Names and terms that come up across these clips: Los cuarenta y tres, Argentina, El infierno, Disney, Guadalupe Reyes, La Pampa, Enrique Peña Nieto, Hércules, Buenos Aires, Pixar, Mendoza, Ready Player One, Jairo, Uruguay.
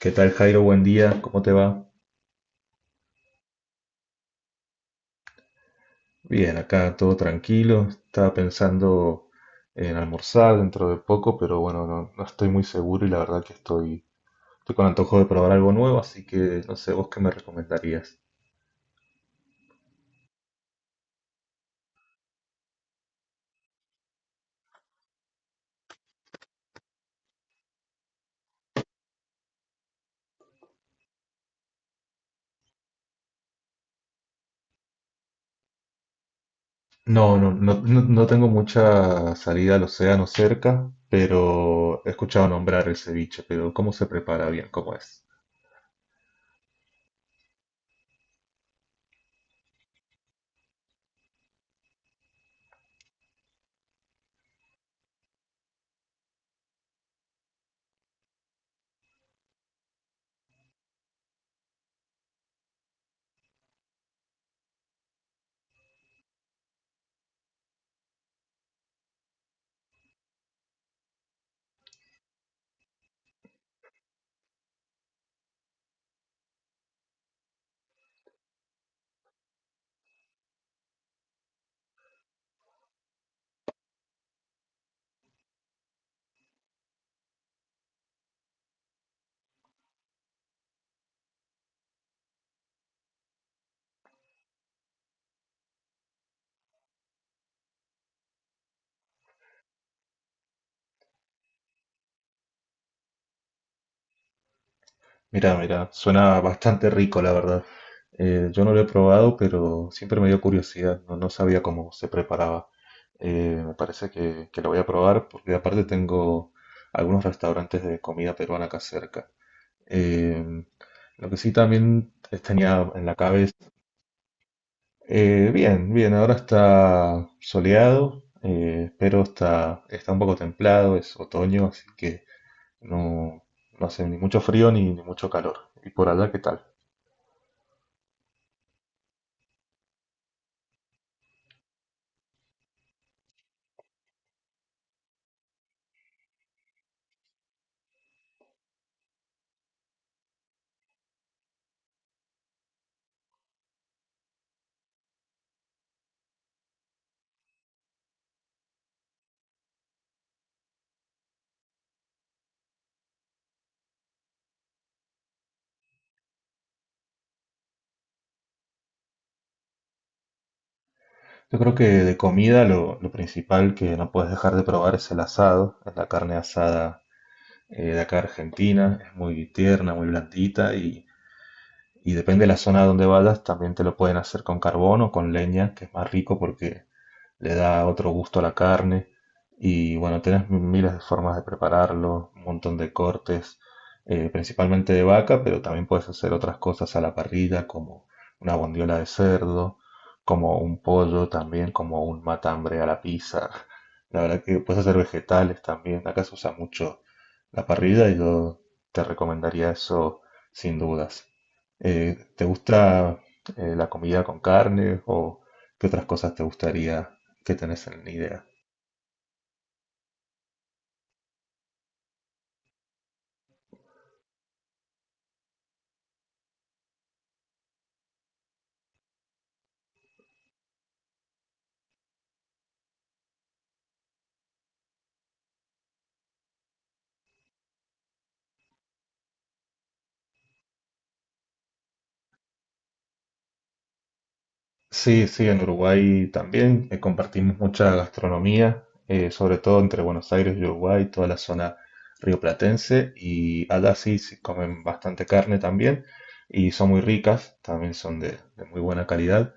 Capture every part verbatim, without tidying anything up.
¿Qué tal, Jairo? Buen día, ¿cómo te va? Bien, acá todo tranquilo. Estaba pensando en almorzar dentro de poco, pero bueno, no, no estoy muy seguro y la verdad que estoy, estoy con antojo de probar algo nuevo, así que no sé, ¿vos qué me recomendarías? No, no, no, no, no tengo mucha salida al océano cerca, pero he escuchado nombrar el ceviche, pero ¿cómo se prepara bien? ¿Cómo es? Mira, mira, suena bastante rico, la verdad. Eh, yo no lo he probado, pero siempre me dio curiosidad. No, no sabía cómo se preparaba. Eh, me parece que, que lo voy a probar porque aparte tengo algunos restaurantes de comida peruana acá cerca. Eh, lo que sí también tenía en la cabeza. Eh, bien, bien, ahora está soleado, eh, pero está, está un poco templado, es otoño, así que no, no hace ni mucho frío ni, ni mucho calor. ¿Y por allá qué tal? Yo creo que de comida lo, lo principal que no puedes dejar de probar es el asado, es la carne asada eh, de acá Argentina, es muy tierna, muy blandita y, y depende de la zona donde vayas, también te lo pueden hacer con carbón o con leña, que es más rico porque le da otro gusto a la carne. Y bueno, tenés miles de formas de prepararlo, un montón de cortes, eh, principalmente de vaca, pero también puedes hacer otras cosas a la parrilla, como una bondiola de cerdo, como un pollo también, como un matambre a la pizza. La verdad que puedes hacer vegetales también. Acá se usa mucho la parrilla y yo te recomendaría eso sin dudas. Eh, ¿te gusta eh, la comida con carne o qué otras cosas te gustaría que tenés ni idea? Sí, sí, en Uruguay también eh, compartimos mucha gastronomía, eh, sobre todo entre Buenos Aires y Uruguay, toda la zona rioplatense, y allá sí, sí comen bastante carne también, y son muy ricas, también son de, de muy buena calidad,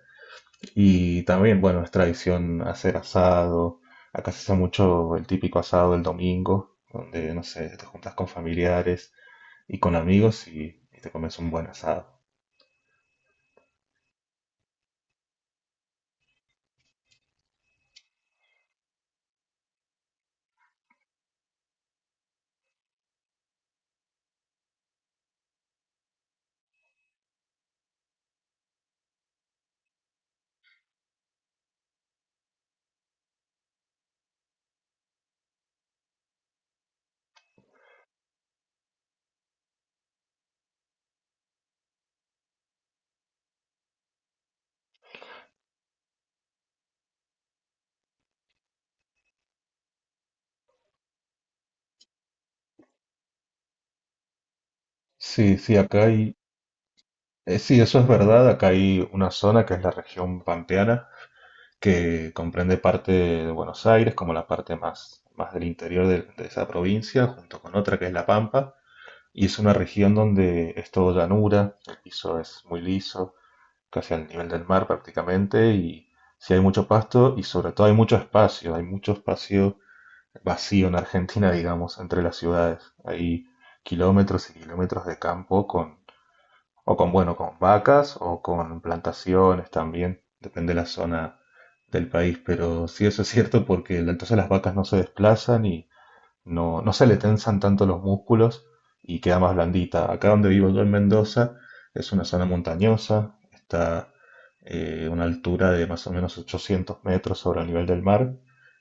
y también, bueno, es tradición hacer asado, acá se hace mucho el típico asado del domingo, donde, no sé, te juntas con familiares y con amigos y, y te comes un buen asado. Sí, sí, acá hay, eh, sí, eso es verdad. Acá hay una zona que es la región pampeana, que comprende parte de Buenos Aires, como la parte más, más del interior de, de esa provincia, junto con otra que es La Pampa. Y es una región donde es todo llanura, el piso es muy liso, casi al nivel del mar prácticamente, y sí hay mucho pasto y sobre todo hay mucho espacio, hay mucho espacio vacío en Argentina, digamos, entre las ciudades. Hay kilómetros y kilómetros de campo con o con, bueno, con vacas o con plantaciones también, depende de la zona del país, pero sí eso es cierto porque la- entonces las vacas no se desplazan y no, no se le tensan tanto los músculos y queda más blandita. Acá donde vivo yo en Mendoza es una zona montañosa, está eh, una altura de más o menos ochocientos metros sobre el nivel del mar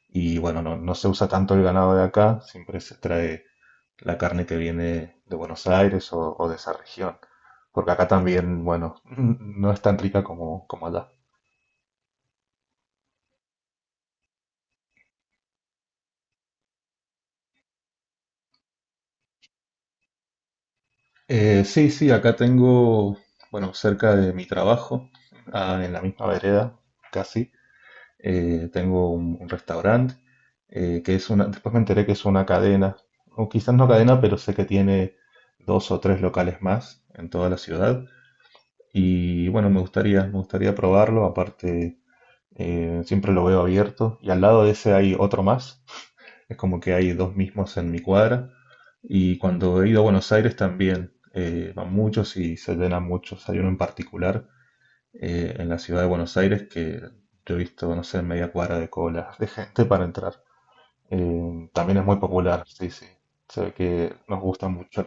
y bueno, no, no se usa tanto el ganado de acá, siempre se trae la carne que viene de Buenos Aires o, o de esa región. Porque acá también, bueno, no es tan rica como, como allá. Eh, sí, sí, acá tengo, bueno, cerca de mi trabajo, ah, en la misma vereda, casi, eh, tengo un, un restaurante eh, que es una, después me enteré que es una cadena, o quizás no cadena, pero sé que tiene dos o tres locales más en toda la ciudad. Y bueno, me gustaría, me gustaría probarlo, aparte Eh, siempre lo veo abierto y al lado de ese hay otro más. Es como que hay dos mismos en mi cuadra. Y cuando he ido a Buenos Aires también eh, van muchos y se llenan muchos. Hay uno en particular eh, en la ciudad de Buenos Aires que yo he visto, no sé, media cuadra de colas de gente para entrar. Eh, también es muy popular, sí, sí. Se ve que nos gusta mucho.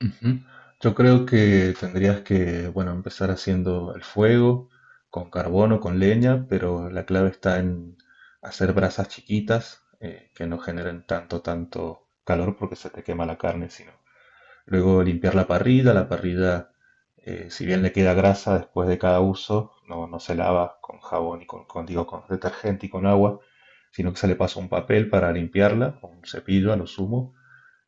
Ujú. Yo creo que tendrías que, bueno, empezar haciendo el fuego con carbón o con leña, pero la clave está en hacer brasas chiquitas eh, que no generen tanto, tanto calor porque se te quema la carne, sino. Luego limpiar la parrilla, la parrilla, eh, si bien le queda grasa después de cada uso, no, no se lava con jabón y con, con, digo, con detergente y con agua, sino que se le pasa un papel para limpiarla, o un cepillo a lo sumo,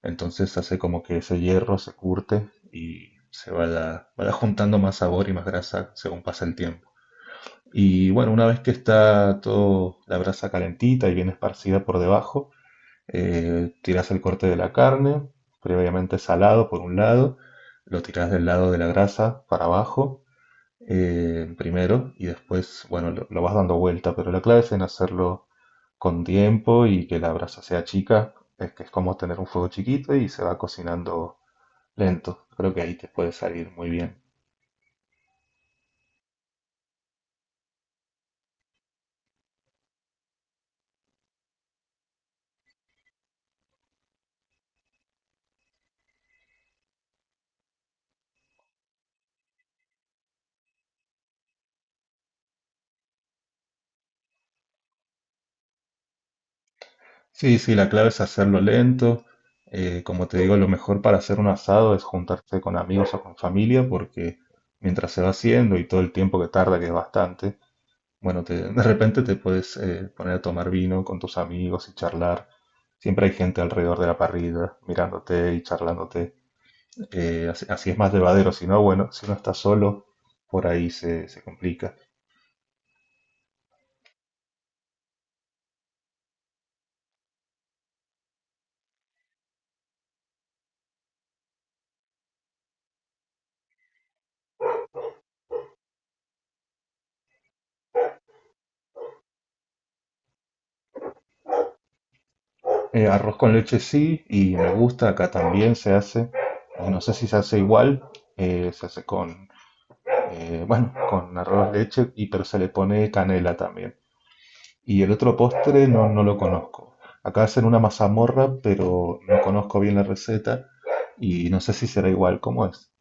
entonces hace como que ese hierro se curte y se vaya, vaya juntando más sabor y más grasa según pasa el tiempo. Y bueno, una vez que está todo la brasa calentita y bien esparcida por debajo, eh, tiras el corte de la carne, previamente salado por un lado, lo tiras del lado de la grasa para abajo eh, primero y después, bueno, lo, lo vas dando vuelta, pero la clave es en hacerlo con tiempo y que la brasa sea chica, es que es como tener un fuego chiquito y se va cocinando lento, creo que ahí te puede salir muy bien. Sí, sí, la clave es hacerlo lento. Eh, como te digo, lo mejor para hacer un asado es juntarse con amigos o con familia, porque mientras se va haciendo y todo el tiempo que tarda, que es bastante, bueno, te- de repente te puedes eh, poner a tomar vino con tus amigos y charlar. Siempre hay gente alrededor de la parrilla, mirándote y charlándote. Eh, así, así es más llevadero. Si no, bueno, si uno está solo, por ahí se se complica. Eh, arroz con leche sí, y me gusta, acá también se hace, eh, no sé si se hace igual, eh, se hace con, eh, bueno, con arroz leche, y, pero se le pone canela también. Y el otro postre no, no lo conozco. Acá hacen una mazamorra, pero no conozco bien la receta y no sé si será igual, ¿cómo es?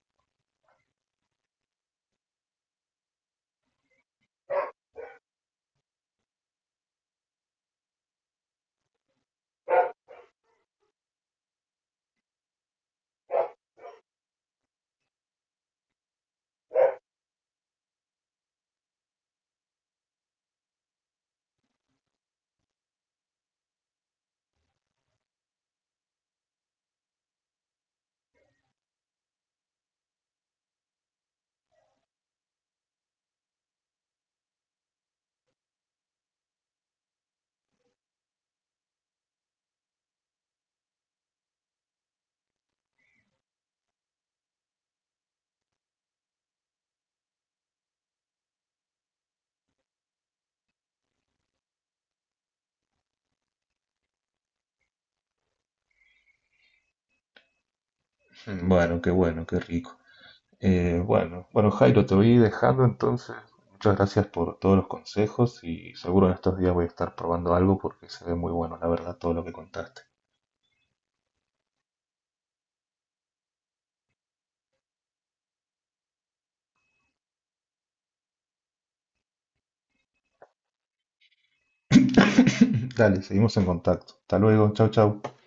Mm, bueno, qué bueno, qué rico. Eh, bueno, bueno Jairo, te voy dejando entonces. Muchas gracias por todos los consejos y seguro en estos días voy a estar probando algo porque se ve muy bueno, la verdad, todo lo que contaste. Dale, seguimos en contacto. Hasta luego, chau, chau.